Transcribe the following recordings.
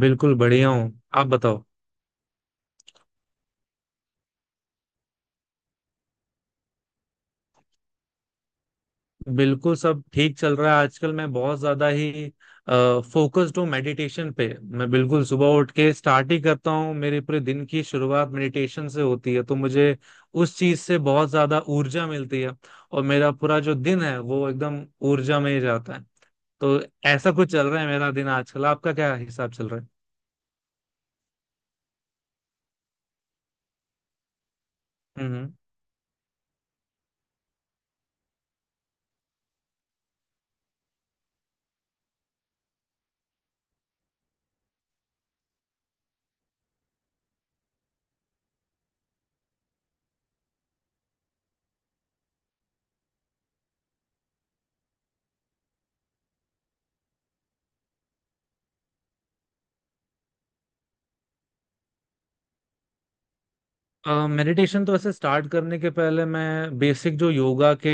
बिल्कुल बढ़िया हूँ। आप बताओ। बिल्कुल सब ठीक चल रहा है। आजकल मैं बहुत ज्यादा ही फोकस्ड हूँ मेडिटेशन पे। मैं बिल्कुल सुबह उठ के स्टार्ट ही करता हूँ, मेरे पूरे दिन की शुरुआत मेडिटेशन से होती है, तो मुझे उस चीज से बहुत ज्यादा ऊर्जा मिलती है। और मेरा पूरा जो दिन है वो एकदम ऊर्जा में ही जाता है। तो ऐसा कुछ चल रहा है मेरा दिन आजकल। आपका क्या हिसाब चल रहा है? हम्म, हम्म। मेडिटेशन तो वैसे स्टार्ट करने के पहले मैं बेसिक जो योगा के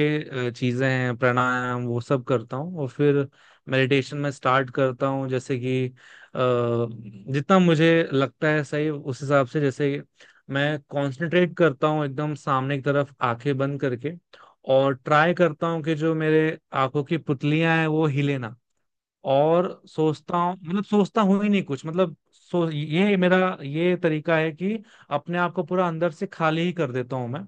चीजें हैं, प्राणायाम, वो सब करता हूँ और फिर मेडिटेशन में स्टार्ट करता हूँ। जैसे कि जितना मुझे लगता है सही, उस हिसाब से जैसे मैं कंसंट्रेट करता हूँ एकदम सामने की तरफ आंखें बंद करके, और ट्राई करता हूँ कि जो मेरे आंखों की पुतलियां हैं वो हिले ना। और सोचता हूँ, मतलब सोचता हूँ ही नहीं कुछ, मतलब सो ये मेरा ये तरीका है कि अपने आप को पूरा अंदर से खाली ही कर देता हूँ मैं।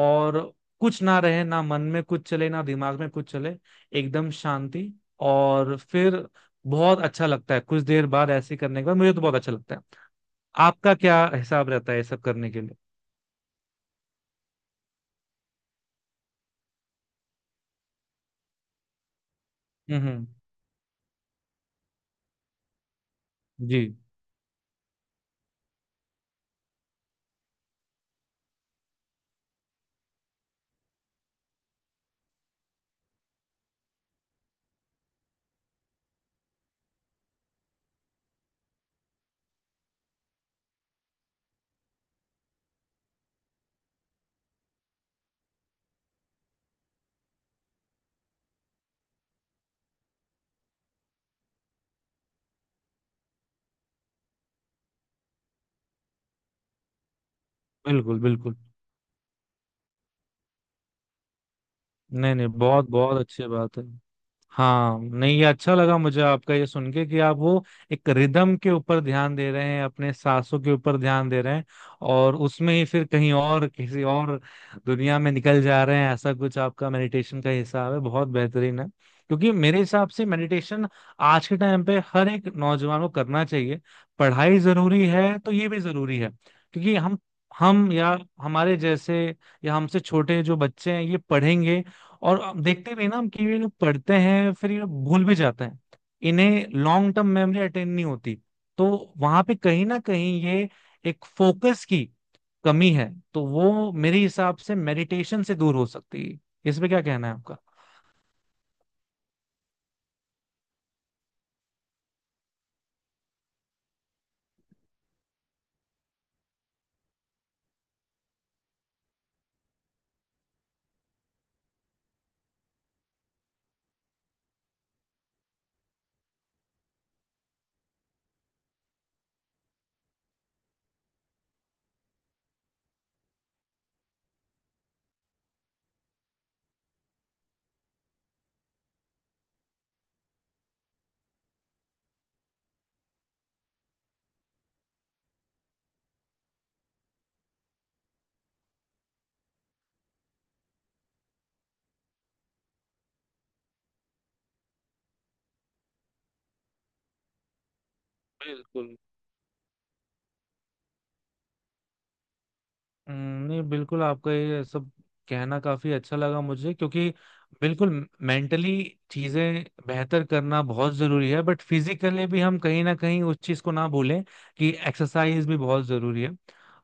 और कुछ ना रहे, ना मन में कुछ चले ना दिमाग में कुछ चले, एकदम शांति। और फिर बहुत अच्छा लगता है, कुछ देर बाद ऐसे करने के बाद मुझे तो बहुत अच्छा लगता है। आपका क्या हिसाब रहता है ये सब करने के लिए? हम्म, हम्म। जी। बिल्कुल, बिल्कुल। नहीं नहीं, बहुत बहुत अच्छी बात है। हाँ, नहीं, ये अच्छा लगा मुझे आपका ये सुन के, कि आप वो एक रिदम के ऊपर ध्यान दे रहे हैं, अपने सांसों के ऊपर ध्यान दे रहे हैं, और उसमें ही फिर कहीं और किसी और दुनिया में निकल जा रहे हैं। ऐसा कुछ आपका मेडिटेशन का हिसाब है, बहुत बेहतरीन है। क्योंकि मेरे हिसाब से मेडिटेशन आज के टाइम पे हर एक नौजवान को करना चाहिए। पढ़ाई जरूरी है तो ये भी जरूरी है। क्योंकि हम या हमारे जैसे या हमसे छोटे जो बच्चे हैं, ये पढ़ेंगे। और अब देखते भी हैं ना हम, कि ये लोग पढ़ते हैं फिर ये लोग भूल भी जाते हैं, इन्हें लॉन्ग टर्म मेमोरी अटेंड नहीं होती। तो वहां पे कहीं ना कहीं ये एक फोकस की कमी है, तो वो मेरे हिसाब से मेडिटेशन से दूर हो सकती है। इस पे क्या कहना है आपका? बिल्कुल। नहीं, बिल्कुल आपका ये सब कहना काफी अच्छा लगा मुझे, क्योंकि बिल्कुल मेंटली चीजें बेहतर करना बहुत जरूरी है, बट फिजिकली भी हम कहीं ना कहीं उस चीज को ना भूलें कि एक्सरसाइज भी बहुत जरूरी है।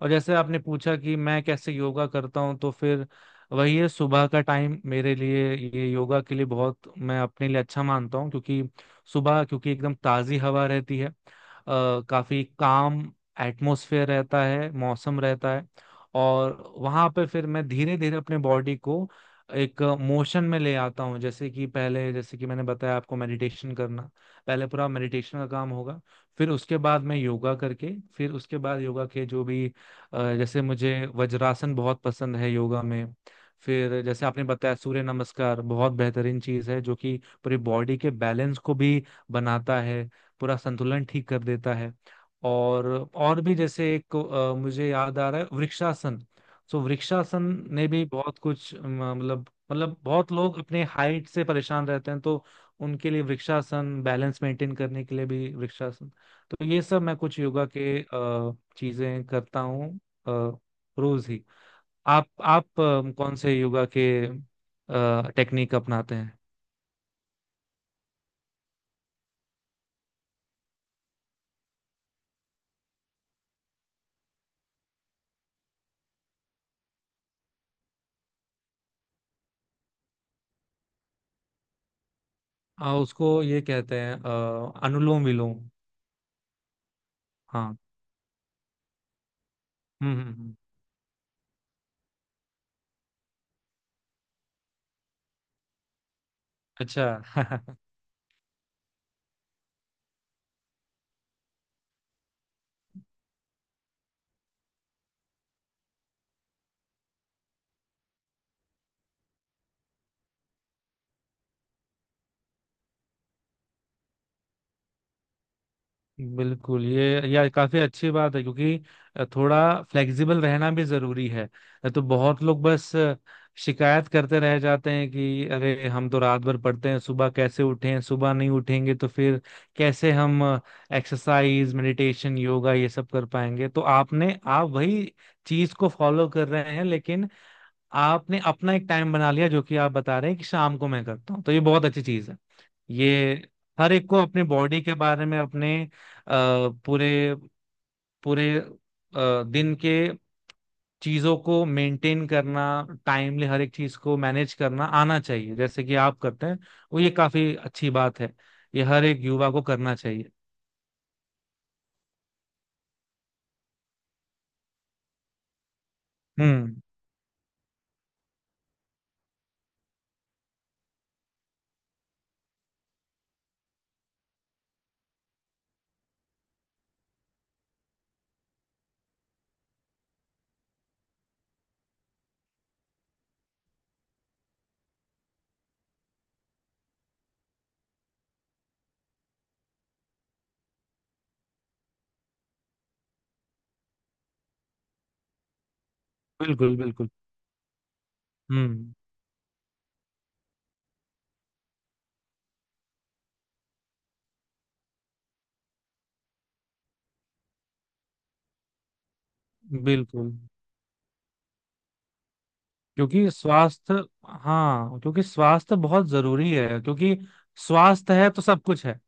और जैसे आपने पूछा कि मैं कैसे योगा करता हूँ, तो फिर वही है, सुबह का टाइम मेरे लिए ये योगा के लिए बहुत, मैं अपने लिए अच्छा मानता हूँ, क्योंकि सुबह क्योंकि एकदम ताजी हवा रहती है, काफी काम एटमोसफेयर रहता है, मौसम रहता है। और वहां पे फिर मैं धीरे धीरे अपने बॉडी को एक मोशन में ले आता हूँ, जैसे कि पहले जैसे कि मैंने बताया आपको मेडिटेशन करना, पहले पूरा मेडिटेशन का काम होगा, फिर उसके बाद मैं योगा करके, फिर उसके बाद योगा के जो भी जैसे मुझे वज्रासन बहुत पसंद है योगा में। फिर जैसे आपने बताया सूर्य नमस्कार, बहुत बेहतरीन चीज है, जो कि पूरी बॉडी के बैलेंस को भी बनाता है, पूरा संतुलन ठीक कर देता है। और और भी जैसे एक मुझे याद आ रहा है, वृक्षासन। सो वृक्षासन ने भी बहुत कुछ मतलब, बहुत लोग अपने हाइट से परेशान रहते हैं, तो उनके लिए वृक्षासन, बैलेंस मेंटेन करने के लिए भी वृक्षासन। तो ये सब मैं कुछ योगा के चीजें करता हूँ। अ, रोज ही। आप कौन से योगा के टेक्निक अपनाते हैं? हाँ, उसको ये कहते हैं अनुलोम विलोम। हाँ। हम्म, हम्म, अच्छा। बिल्कुल, ये यार काफी अच्छी बात है, क्योंकि थोड़ा फ्लेक्सिबल रहना भी जरूरी है। तो बहुत लोग बस शिकायत करते रह जाते हैं कि अरे हम तो रात भर पढ़ते हैं, सुबह कैसे उठें, सुबह नहीं उठेंगे तो फिर कैसे हम एक्सरसाइज मेडिटेशन योगा ये सब कर पाएंगे। तो आपने आप वही चीज को फॉलो कर रहे हैं, लेकिन आपने अपना एक टाइम बना लिया, जो कि आप बता रहे हैं कि शाम को मैं करता हूँ, तो ये बहुत अच्छी चीज है। ये हर एक को अपने बॉडी के बारे में, अपने पूरे पूरे दिन के चीजों को मेंटेन करना, टाइमली हर एक चीज को मैनेज करना आना चाहिए, जैसे कि आप करते हैं। वो ये काफी अच्छी बात है, ये हर एक युवा को करना चाहिए। हम्म। बिल्कुल, बिल्कुल। हम्म। बिल्कुल। क्योंकि स्वास्थ्य हाँ, क्योंकि स्वास्थ्य बहुत जरूरी है, क्योंकि स्वास्थ्य है तो सब कुछ है।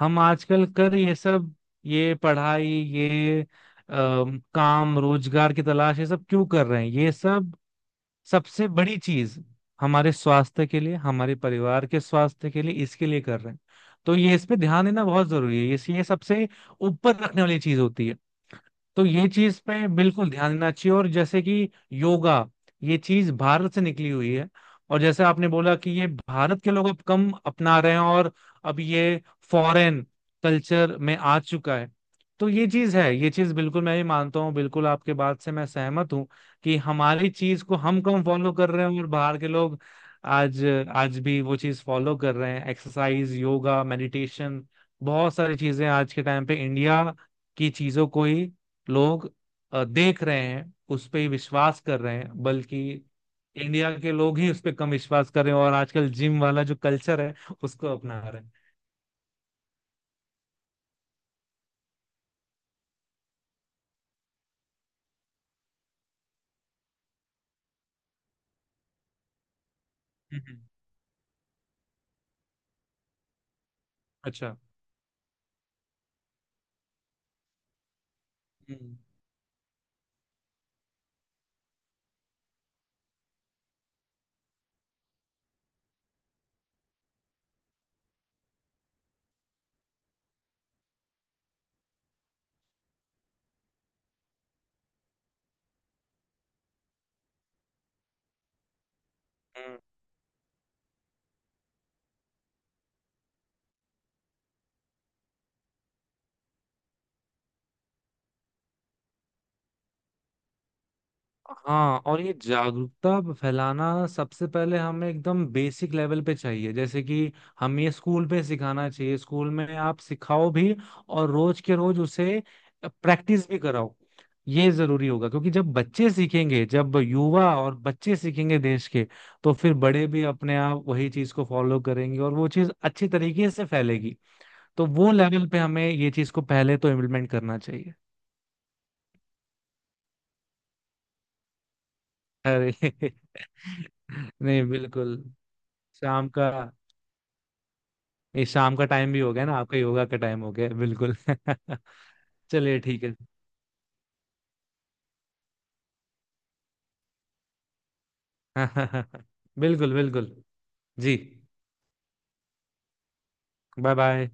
हम आजकल कर ये सब, ये पढ़ाई, ये काम रोजगार की तलाश, ये सब क्यों कर रहे हैं? ये सब सबसे बड़ी चीज, हमारे स्वास्थ्य के लिए, हमारे परिवार के स्वास्थ्य के लिए, इसके लिए कर रहे हैं। तो ये, इस पे ध्यान देना बहुत जरूरी है, ये सबसे ऊपर रखने वाली चीज होती है। तो ये चीज पे बिल्कुल ध्यान देना चाहिए। और जैसे कि योगा, ये चीज भारत से निकली हुई है, और जैसे आपने बोला कि ये भारत के लोग अब कम अपना रहे हैं, और अब ये फॉरेन कल्चर में आ चुका है। तो ये चीज है, ये चीज बिल्कुल मैं भी मानता हूँ, बिल्कुल आपके बात से मैं सहमत हूँ, कि हमारी चीज को हम कम फॉलो कर रहे हैं, और बाहर के लोग आज, आज भी वो चीज फॉलो कर रहे हैं, एक्सरसाइज, योगा, मेडिटेशन, बहुत सारी चीजें आज के टाइम पे इंडिया की चीजों को ही लोग देख रहे हैं, उस पे ही विश्वास कर रहे हैं। बल्कि इंडिया के लोग ही उस पे कम विश्वास कर रहे हैं, और आजकल जिम वाला जो कल्चर है उसको अपना रहे हैं। हम्म, अच्छा। हम्म, हम्म। हाँ, और ये जागरूकता फैलाना सबसे पहले हमें एकदम बेसिक लेवल पे चाहिए, जैसे कि हमें ये स्कूल पे सिखाना चाहिए, स्कूल में आप सिखाओ भी, और रोज के रोज उसे प्रैक्टिस भी कराओ। ये जरूरी होगा, क्योंकि जब बच्चे सीखेंगे, जब युवा और बच्चे सीखेंगे देश के, तो फिर बड़े भी अपने आप वही चीज को फॉलो करेंगे और वो चीज अच्छी तरीके से फैलेगी। तो वो लेवल पे हमें ये चीज को पहले तो इम्प्लीमेंट करना चाहिए। अरे! नहीं, बिल्कुल। शाम का ये शाम का टाइम भी हो गया ना, आपका योगा का टाइम हो गया, बिल्कुल। चलिए, ठीक है। बिल्कुल, बिल्कुल। जी। Bye bye.